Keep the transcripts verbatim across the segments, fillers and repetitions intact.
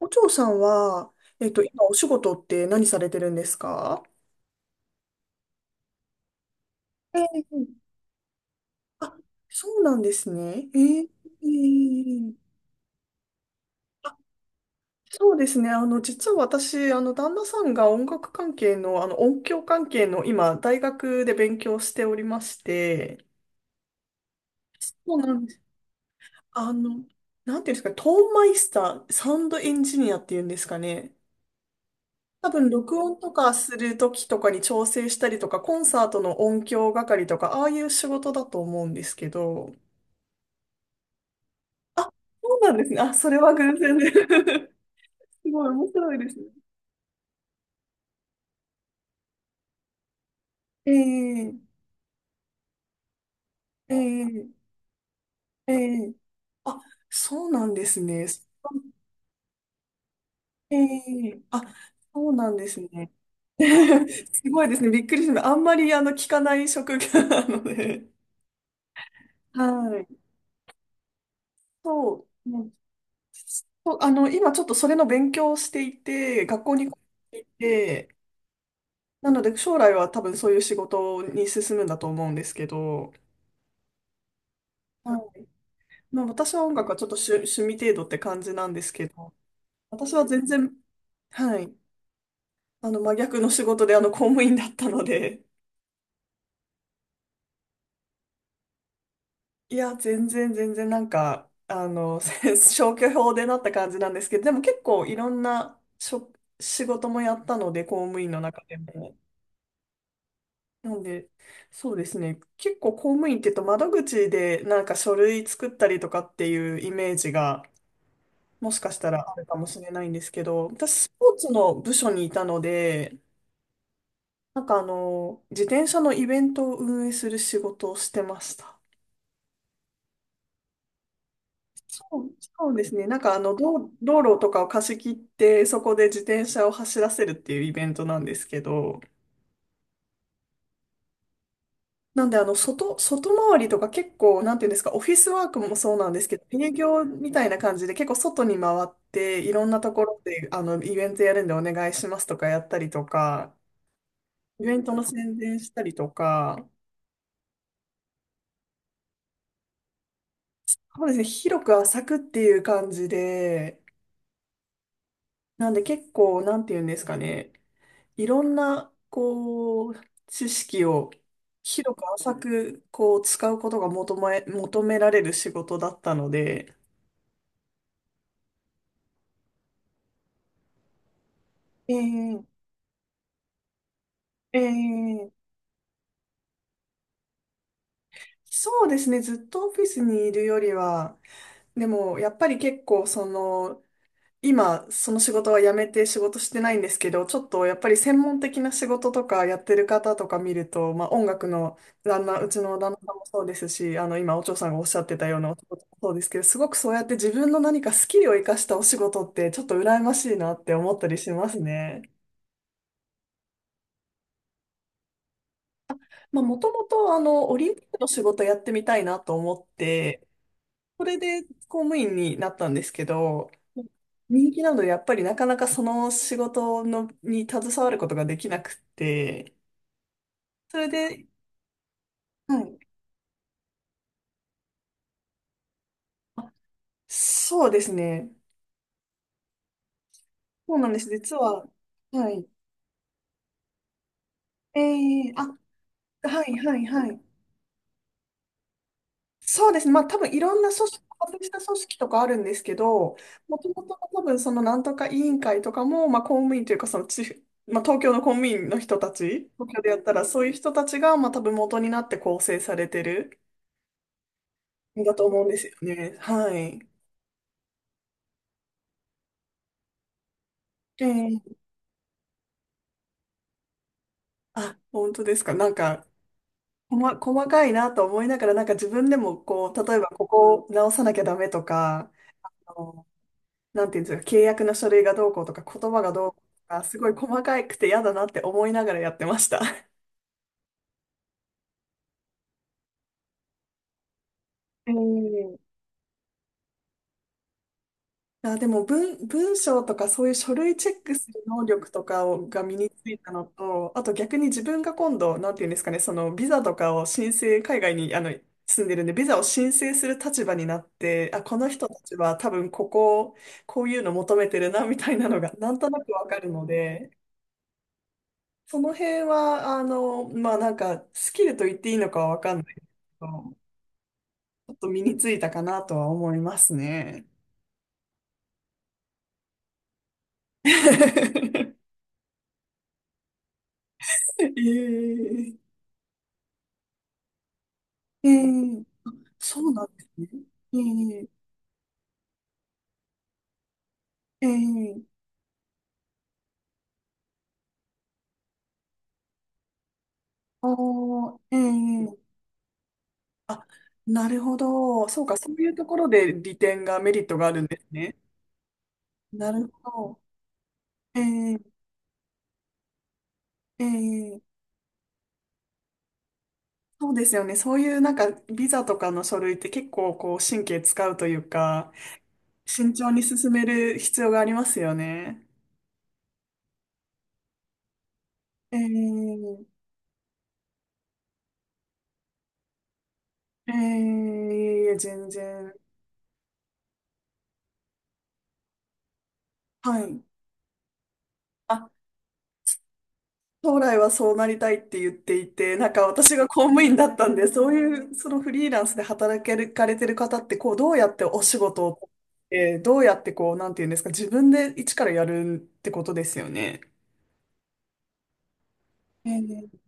お嬢さんは、えっと、今お仕事って何されてるんですか？ええ。あ、そうなんですね。ええ。ええ。そうですね。あの、実は私、あの、旦那さんが音楽関係の、あの、音響関係の、今、大学で勉強しておりまして、そうなんです。あの、なんていうんですか、トーンマイスター、サウンドエンジニアっていうんですかね。多分録音とかするときとかに調整したりとか、コンサートの音響係とか、ああいう仕事だと思うんですけど。あ、そうなんですね。あ、それは偶然で。すごい面白いですね。ええ。ええ。ええ。あ、そうなんですね。ええ。あ、そうなんですね。すごいですね。びっくりしました。あんまりあの聞かない職業なので。はい。そう。ね。そう、あの、今ちょっとそれの勉強をしていて、学校に通っていて、なので将来は多分そういう仕事に進むんだと思うんですけど、はい。まあ、私は音楽はちょっと趣、趣味程度って感じなんですけど、私は全然、はい、あの真逆の仕事であの公務員だったので、いや、全然全然なんか、あの、消去法でなった感じなんですけど、でも結構いろんなしょ仕事もやったので、公務員の中でも。なんで、そうですね。結構公務員って言うと窓口でなんか書類作ったりとかっていうイメージがもしかしたらあるかもしれないんですけど、私スポーツの部署にいたので、なんかあの、自転車のイベントを運営する仕事をしてました。そう、そうですね。なんかあの、道、道路とかを貸し切ってそこで自転車を走らせるっていうイベントなんですけど、なんで、あの、外、外回りとか結構、なんていうんですか、オフィスワークもそうなんですけど、営業みたいな感じで結構外に回って、いろんなところで、あの、イベントやるんでお願いしますとかやったりとか、イベントの宣伝したりとか、そうですね、広く浅くっていう感じで、なんで結構、なんていうんですかね、いろんな、こう、知識を広く浅く、こう、使うことが求め、求められる仕事だったので、ええ。ええ。そうですね。ずっとオフィスにいるよりは、でもやっぱり結構その、今その仕事は辞めて仕事してないんですけど、ちょっとやっぱり専門的な仕事とかやってる方とか見ると、まあ音楽の旦那、うちの旦那さんもそうですし、あの今お嬢さんがおっしゃってたようなお仕事もそうですけど、すごくそうやって自分の何かスキルを生かしたお仕事ってちょっと羨ましいなって思ったりしますね。まあもともとあのオリンピックの仕事やってみたいなと思って、それで公務員になったんですけど、人気なのでやっぱりなかなかその仕事のに携わることができなくて、それで、はい。あ、そうですね。そうなんです。実は、はい。ええ。あ、はい、はい、はい。そうですね。まあ多分いろんな組織、外した組織とかあるんですけど、もともと多分そのなんとか委員会とかも、まあ公務員というかその地方、まあ東京の公務員の人たち、東京でやったらそういう人たちが、まあ多分元になって構成されてるんだと思うんですよね。はい。ええ。あ、本当ですか。なんか、細、細かいなと思いながら、なんか自分でもこう、例えばここを直さなきゃダメとか、なんていうんですか、契約の書類がどうこうとか、言葉がどうこうとか、すごい細かくて嫌だなって思いながらやってました。ええ。あ、でも文、文章とかそういう書類チェックする能力とかをが身についたのと、あと逆に自分が今度、なんていうんですかね、そのビザとかを申請、海外にあの住んでるんで、ビザを申請する立場になって、あ、この人たちは多分ここ、こういうの求めてるな、みたいなのがなんとなくわかるので、その辺は、あの、まあなんか、スキルと言っていいのかはわかんないけど、ちょっと身についたかなとは思いますね。ええ。ええ。そうなんですね。ええ。ええ。ああー。ええ。あ、なるほど。そうか、そういうところで利点が、メリットがあるんですね。なるほど。ええ。ええ。そうですよね。そういうなんか、ビザとかの書類って結構こう、神経使うというか、慎重に進める必要がありますよね。えー、えー、いえいえ、全然。はい。あ、将来はそうなりたいって言っていて、なんか私が公務員だったんで、そういう、そのフリーランスで働けるかれてる方って、こう、どうやってお仕事を取って、えどうやってこう、なんていうんですか、自分で一からやるってことですよね。えー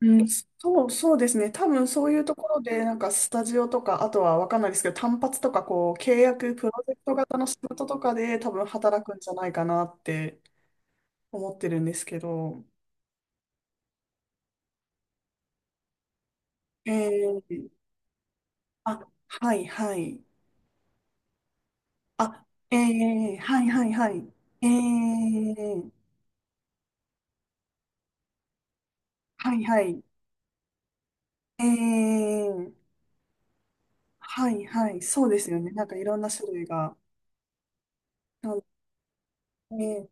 うん、そう、そうですね。多分そういうところで、なんかスタジオとか、あとはわかんないですけど、単発とか、こう、契約、プロジェクト型の仕事とかで、多分働くんじゃないかなって思ってるんですけど。えー、あ、はい、はい。あ、えー、はい、はい、はい。えー、はい、はい。えー、はい、はい。そうですよね。なんかいろんな種類が。なんで、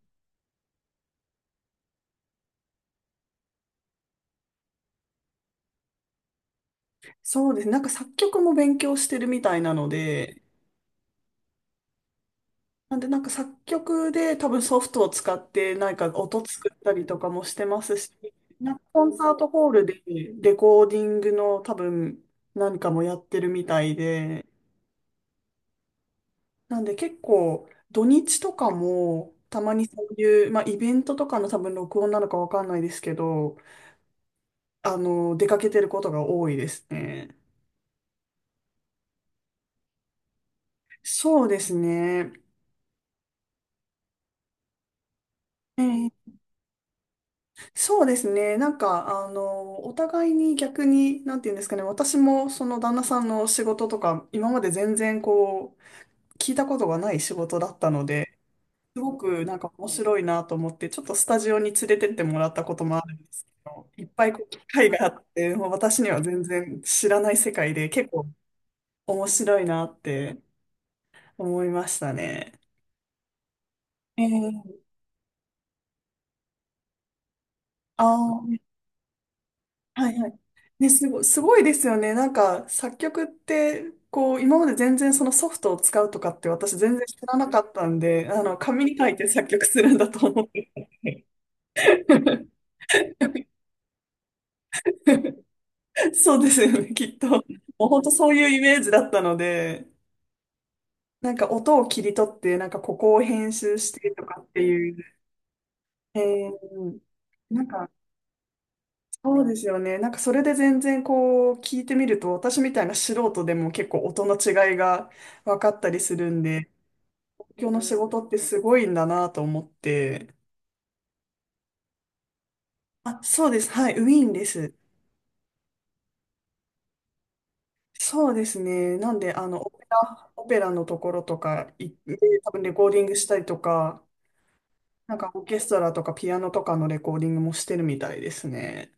そうです。なんか作曲も勉強してるみたいなので、なんで、なんか作曲で多分ソフトを使ってなんか音作ったりとかもしてますし、なんかコンサートホールでレコーディングの多分何かもやってるみたいで、なんで結構土日とかもたまにそういう、まあ、イベントとかの多分録音なのかわかんないですけど、あの、出かけてることが多いですね。そうですね。ええ。そうですね。なんか、あの、お互いに逆に、なんて言うんですかね、私もその旦那さんの仕事とか、今まで全然こう、聞いたことがない仕事だったので、すごくなんか面白いなと思って、ちょっとスタジオに連れてってもらったこともあるんですけど。いっぱいこう機会があって、もう私には全然知らない世界で、結構面白いなって思いましたね。えー、あー、はいはい。ね、すごい、すごいですよね。なんか、作曲って、こう、今まで全然そのソフトを使うとかって私全然知らなかったんで、あの、紙に書いて作曲するんだと思って。そうですよね、きっと。もう本当そういうイメージだったので、なんか音を切り取って、なんかここを編集してとかっていう。えー、なんか、そうですよね。なんかそれで全然こう、聞いてみると、私みたいな素人でも結構音の違いが分かったりするんで、東京の仕事ってすごいんだなと思って。あ、そうです。はい、ウィーンです。そうですね。なんで、あの、オペラ、オペラのところとか行って、多分レコーディングしたりとか、なんかオーケストラとかピアノとかのレコーディングもしてるみたいですね。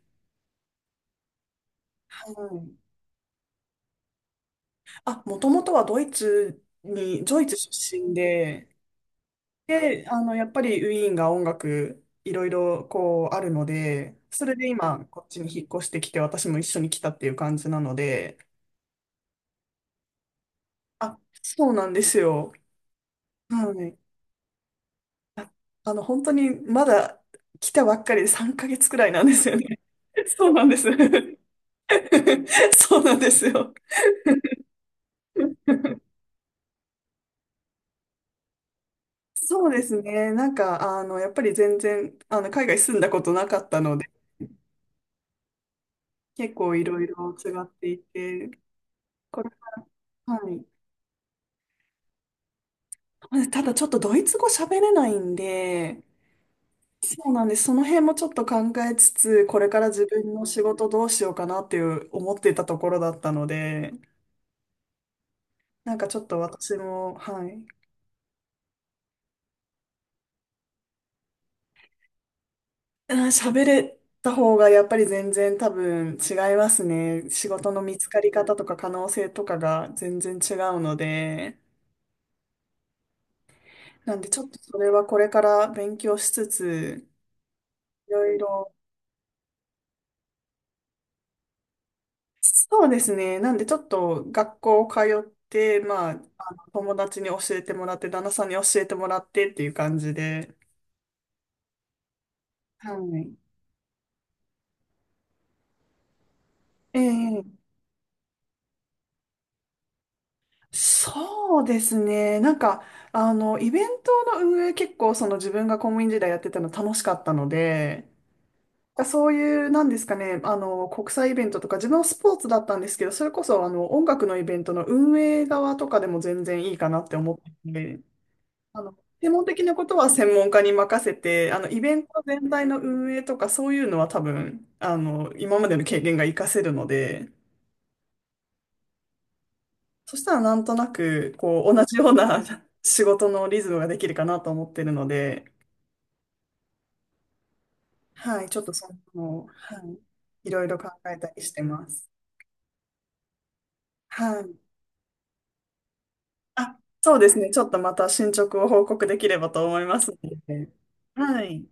はい。あ、もともとはドイツに、ドイツ出身で、で、あの、やっぱりウィーンが音楽、いろいろこうあるので、それで今、こっちに引っ越してきて、私も一緒に来たっていう感じなので、あ、そうなんですよ。はい。あの、本当にまだ来たばっかりでさんかげつくらいなんですよね。そうなんです。そうなんですよ。そうですね。なんか、あの、やっぱり全然、あの、海外住んだことなかったので、結構いろいろ違っていて、これ、はい。ただちょっとドイツ語喋れないんで、そうなんです。その辺もちょっと考えつつ、これから自分の仕事どうしようかなっていう思ってたところだったので、なんかちょっと私も、はい。うん、喋れた方がやっぱり全然多分違いますね。仕事の見つかり方とか可能性とかが全然違うので。なんでちょっとそれはこれから勉強しつつ、いろいろ。そうですね。なんでちょっと学校通って、まあ、あの友達に教えてもらって、旦那さんに教えてもらってっていう感じで。はい。ええ。そうですね。なんか、あの、イベントの運営結構その自分が公務員時代やってたの楽しかったので、そういう、なんですかね、あの、国際イベントとか、自分はスポーツだったんですけど、それこそ、あの、音楽のイベントの運営側とかでも全然いいかなって思っていて、あの、専門的なことは専門家に任せて、あの、イベント全体の運営とか、そういうのは多分、あの、今までの経験が活かせるので、そしたらなんとなく、こう、同じような 仕事のリズムができるかなと思ってるので、はい、ちょっとその、はい、いろいろ考えたりしてます。はい。あ、そうですね。ちょっとまた進捗を報告できればと思いますので。はい。